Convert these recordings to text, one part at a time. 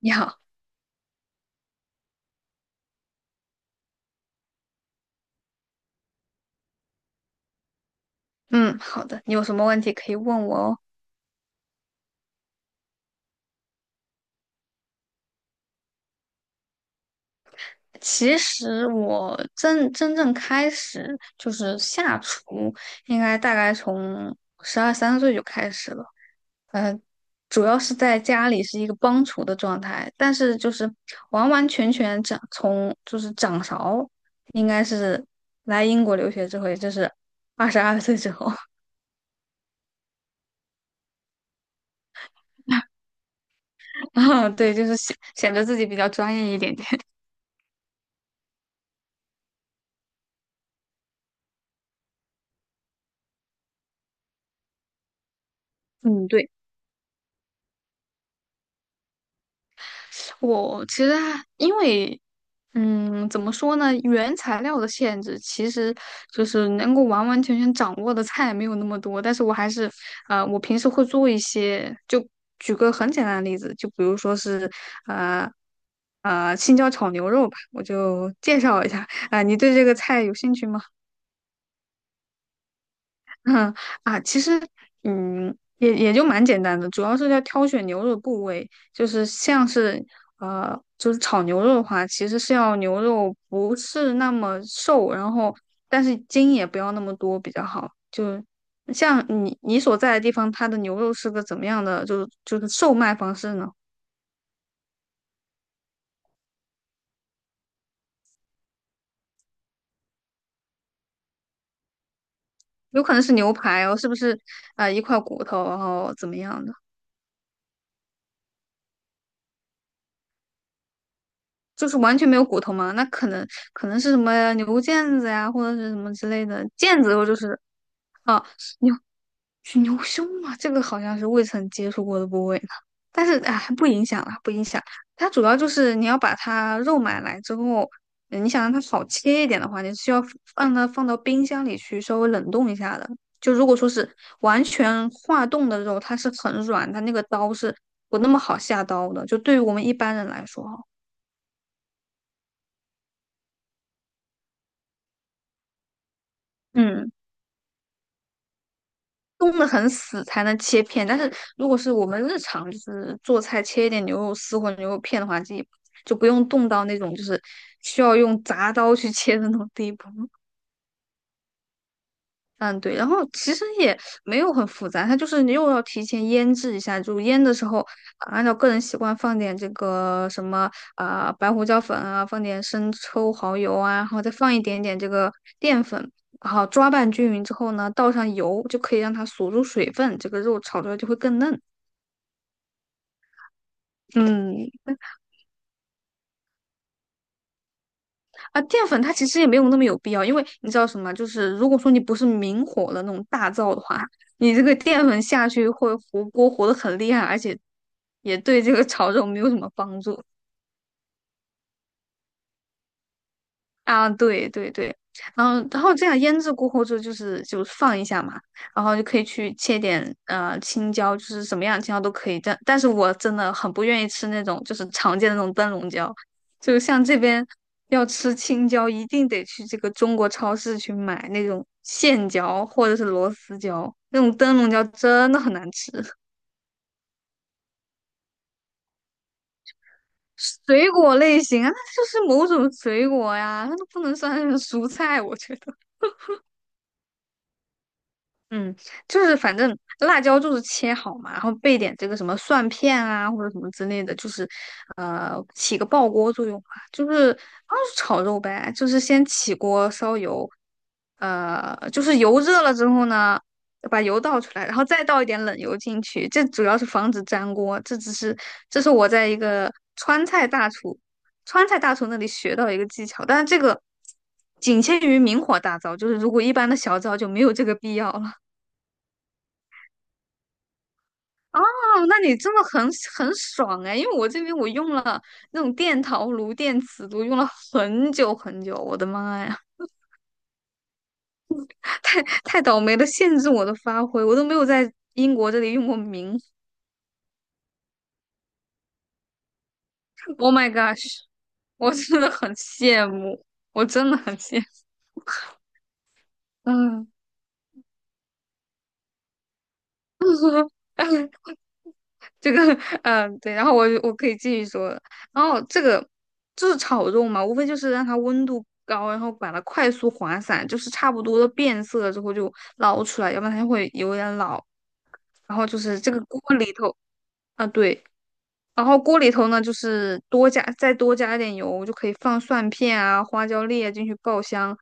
你好，嗯，好的，你有什么问题可以问我哦。其实我真正开始就是下厨，应该大概从12、13岁就开始了。嗯，主要是在家里是一个帮厨的状态，但是就是完完全全掌勺，应该是来英国留学之后，也就是22岁之后。啊，对，就是显得自己比较专业一点点。嗯，对。我其实还因为，嗯，怎么说呢？原材料的限制，其实就是能够完完全全掌握的菜没有那么多。但是我还是，我平时会做一些。就举个很简单的例子，就比如说是，呃，青椒炒牛肉吧，我就介绍一下。啊、你对这个菜有兴趣吗？嗯啊，其实也就蛮简单的，主要是要挑选牛肉部位，就是像是就是炒牛肉的话，其实是要牛肉不是那么瘦，然后但是筋也不要那么多比较好。就像你所在的地方，它的牛肉是个怎么样的，就是售卖方式呢？有可能是牛排哦，是不是？啊、一块骨头，然后怎么样的？就是完全没有骨头嘛，那可能是什么牛腱子呀，或者是什么之类的腱子，肉，就是啊牛牛胸嘛，这个好像是未曾接触过的部位呢。但是哎，不影响啦，不影响。它主要就是你要把它肉买来之后，你想让它少切一点的话，你需要放到冰箱里去稍微冷冻一下的。就如果说是完全化冻的肉，它是很软，它那个刀是不那么好下刀的。就对于我们一般人来说哈，嗯。冻得很死才能切片，但是如果是我们日常就是做菜切一点牛肉丝或者牛肉片的话，这就不用冻到那种就是需要用铡刀去切的那种地步。嗯，对，然后其实也没有很复杂，它就是你又要提前腌制一下，就腌的时候，啊按照个人习惯放点这个什么啊、白胡椒粉啊，放点生抽、蚝油啊，然后再放一点点这个淀粉，然后抓拌均匀之后呢，倒上油就可以让它锁住水分，这个肉炒出来就会更嫩。嗯，啊，淀粉它其实也没有那么有必要，因为你知道什么？就是如果说你不是明火的那种大灶的话，你这个淀粉下去会糊锅糊的很厉害，而且也对这个炒肉没有什么帮助。啊，对对对，然后这样腌制过后就是就放一下嘛，然后就可以去切点青椒，就是什么样的青椒都可以。但是我真的很不愿意吃那种就是常见的那种灯笼椒，就像这边要吃青椒，一定得去这个中国超市去买那种线椒或者是螺丝椒，那种灯笼椒真的很难吃。水果类型啊，那就是某种水果呀，它都不能算是蔬菜，我觉得。嗯，就是反正辣椒就是切好嘛，然后备点这个什么蒜片啊或者什么之类的，就是起个爆锅作用嘛，就是啊炒肉呗，就是先起锅烧油，就是油热了之后呢，把油倒出来，然后再倒一点冷油进去，这主要是防止粘锅，这是我在一个川菜大厨川菜大厨那里学到一个技巧，但是这个仅限于明火大灶，就是如果一般的小灶就没有这个必要了。哦，那你真的很爽哎，因为我这边我用了那种电陶炉、电磁炉，用了很久很久，我的妈呀。太倒霉了，限制我的发挥，我都没有在英国这里用过。 Oh my gosh，我真的很羡慕，我真的很羡慕。嗯。这个。嗯，对，然后我可以继续说了。然后这个就是炒肉嘛，无非就是让它温度高，然后把它快速滑散，就是差不多的变色了之后就捞出来，要不然它就会有点老。然后就是这个锅里头，啊，对，然后锅里头呢，就是多加再多加一点油，就可以放蒜片啊、花椒粒啊进去爆香，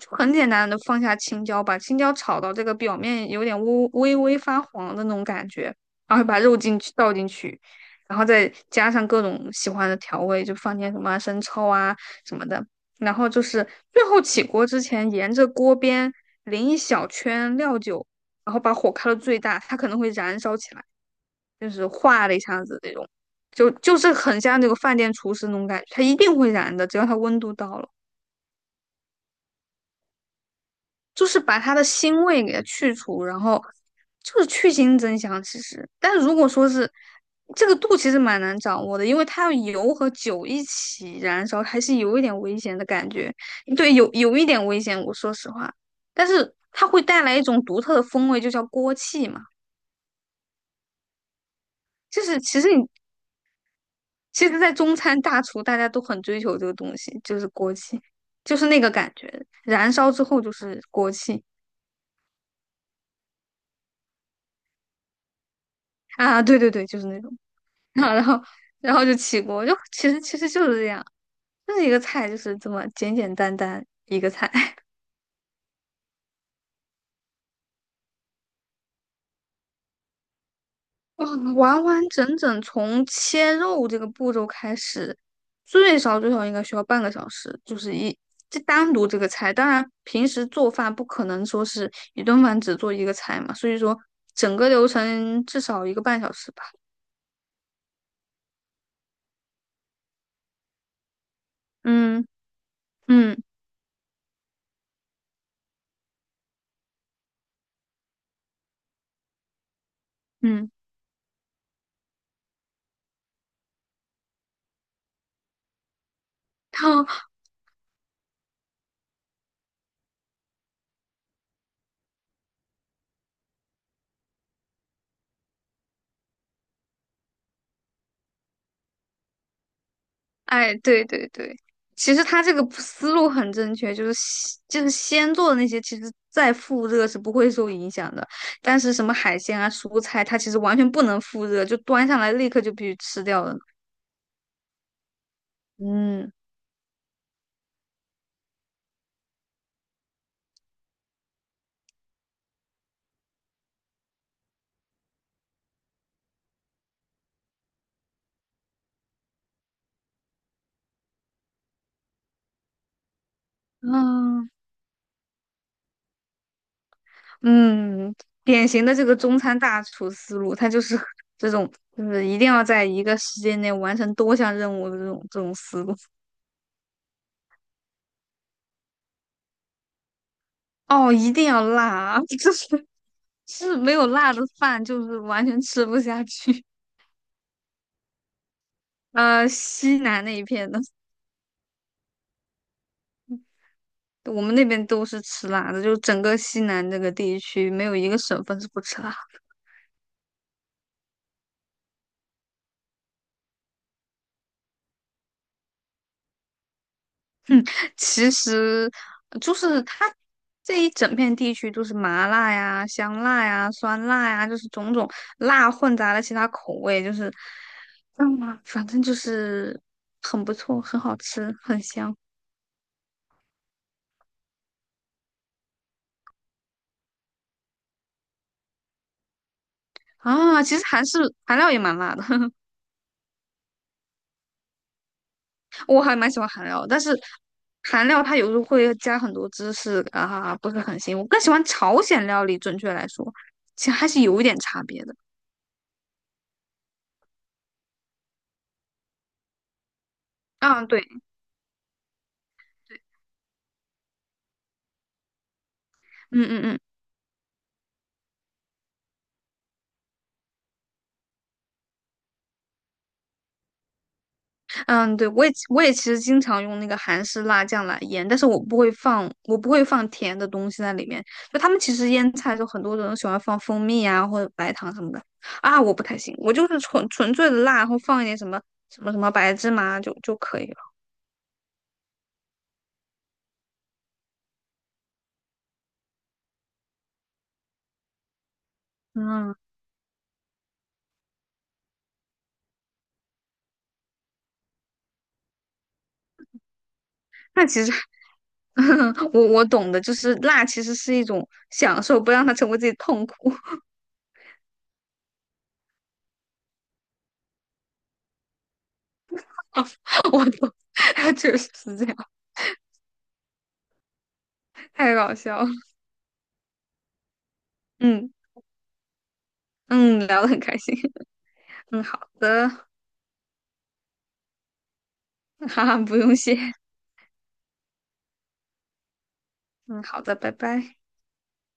就很简单的放下青椒，把青椒炒到这个表面有点微微发黄的那种感觉，然后把肉倒进去，然后再加上各种喜欢的调味，就放点什么生抽啊什么的，然后就是最后起锅之前，沿着锅边淋一小圈料酒，然后把火开到最大，它可能会燃烧起来。就是化了一下子那种，就是很像那个饭店厨师那种感觉，它一定会燃的，只要它温度到了，就是把它的腥味给它去除，然后就是去腥增香。其实，但如果说是这个度，其实蛮难掌握的，因为它要油和酒一起燃烧，还是有一点危险的感觉。对，有一点危险，我说实话，但是它会带来一种独特的风味，就叫锅气嘛。就是其实，在中餐大厨，大家都很追求这个东西，就是锅气，就是那个感觉，燃烧之后就是锅气啊，对对对，就是那种。然后然后就起锅，就其实就是这样，就是一个菜，就是这么简简单单一个菜。嗯，完完整整从切肉这个步骤开始，最少最少应该需要半个小时，就是这单独这个菜。当然，平时做饭不可能说是一顿饭只做一个菜嘛，所以说整个流程至少一个半小时吧。嗯嗯嗯。哎，对对对，其实他这个思路很正确，就是先做的那些，其实再复热是不会受影响的。但是什么海鲜啊、蔬菜，它其实完全不能复热，就端上来立刻就必须吃掉了。嗯嗯嗯，典型的这个中餐大厨思路，它就是 这种，就是一定要在一个时间内完成多项任务的这种思路。哦，一定要辣啊。是没有辣的饭，就是完全吃不下去。西南那一片的，我们那边都是吃辣的，就整个西南这个地区没有一个省份是不吃辣。其实就是它这一整片地区都是麻辣呀、香辣呀、酸辣呀，就是种种辣混杂了其他口味，就是，嗯，反正就是很不错，很好吃，很香啊。其实韩料也蛮辣的。我还蛮喜欢韩料，但是韩料它有时候会加很多芝士啊，不是很行。我更喜欢朝鲜料理，准确来说，其实还是有一点差别的。嗯，对，嗯嗯嗯嗯，对，我也其实经常用那个韩式辣酱来腌，但是我不会放甜的东西在里面。就他们其实腌菜的时候，很多人喜欢放蜂蜜啊或者白糖什么的啊，我不太行，我就是纯粹的辣，然后放一点什么白芝麻就可以了。嗯，那其实 我懂的，就是辣其实是一种享受，不让它成为自己痛苦。我懂。确实是这样，太搞笑了。嗯嗯，聊得很开心。嗯，好的。哈哈，不用谢。嗯，好的，拜拜。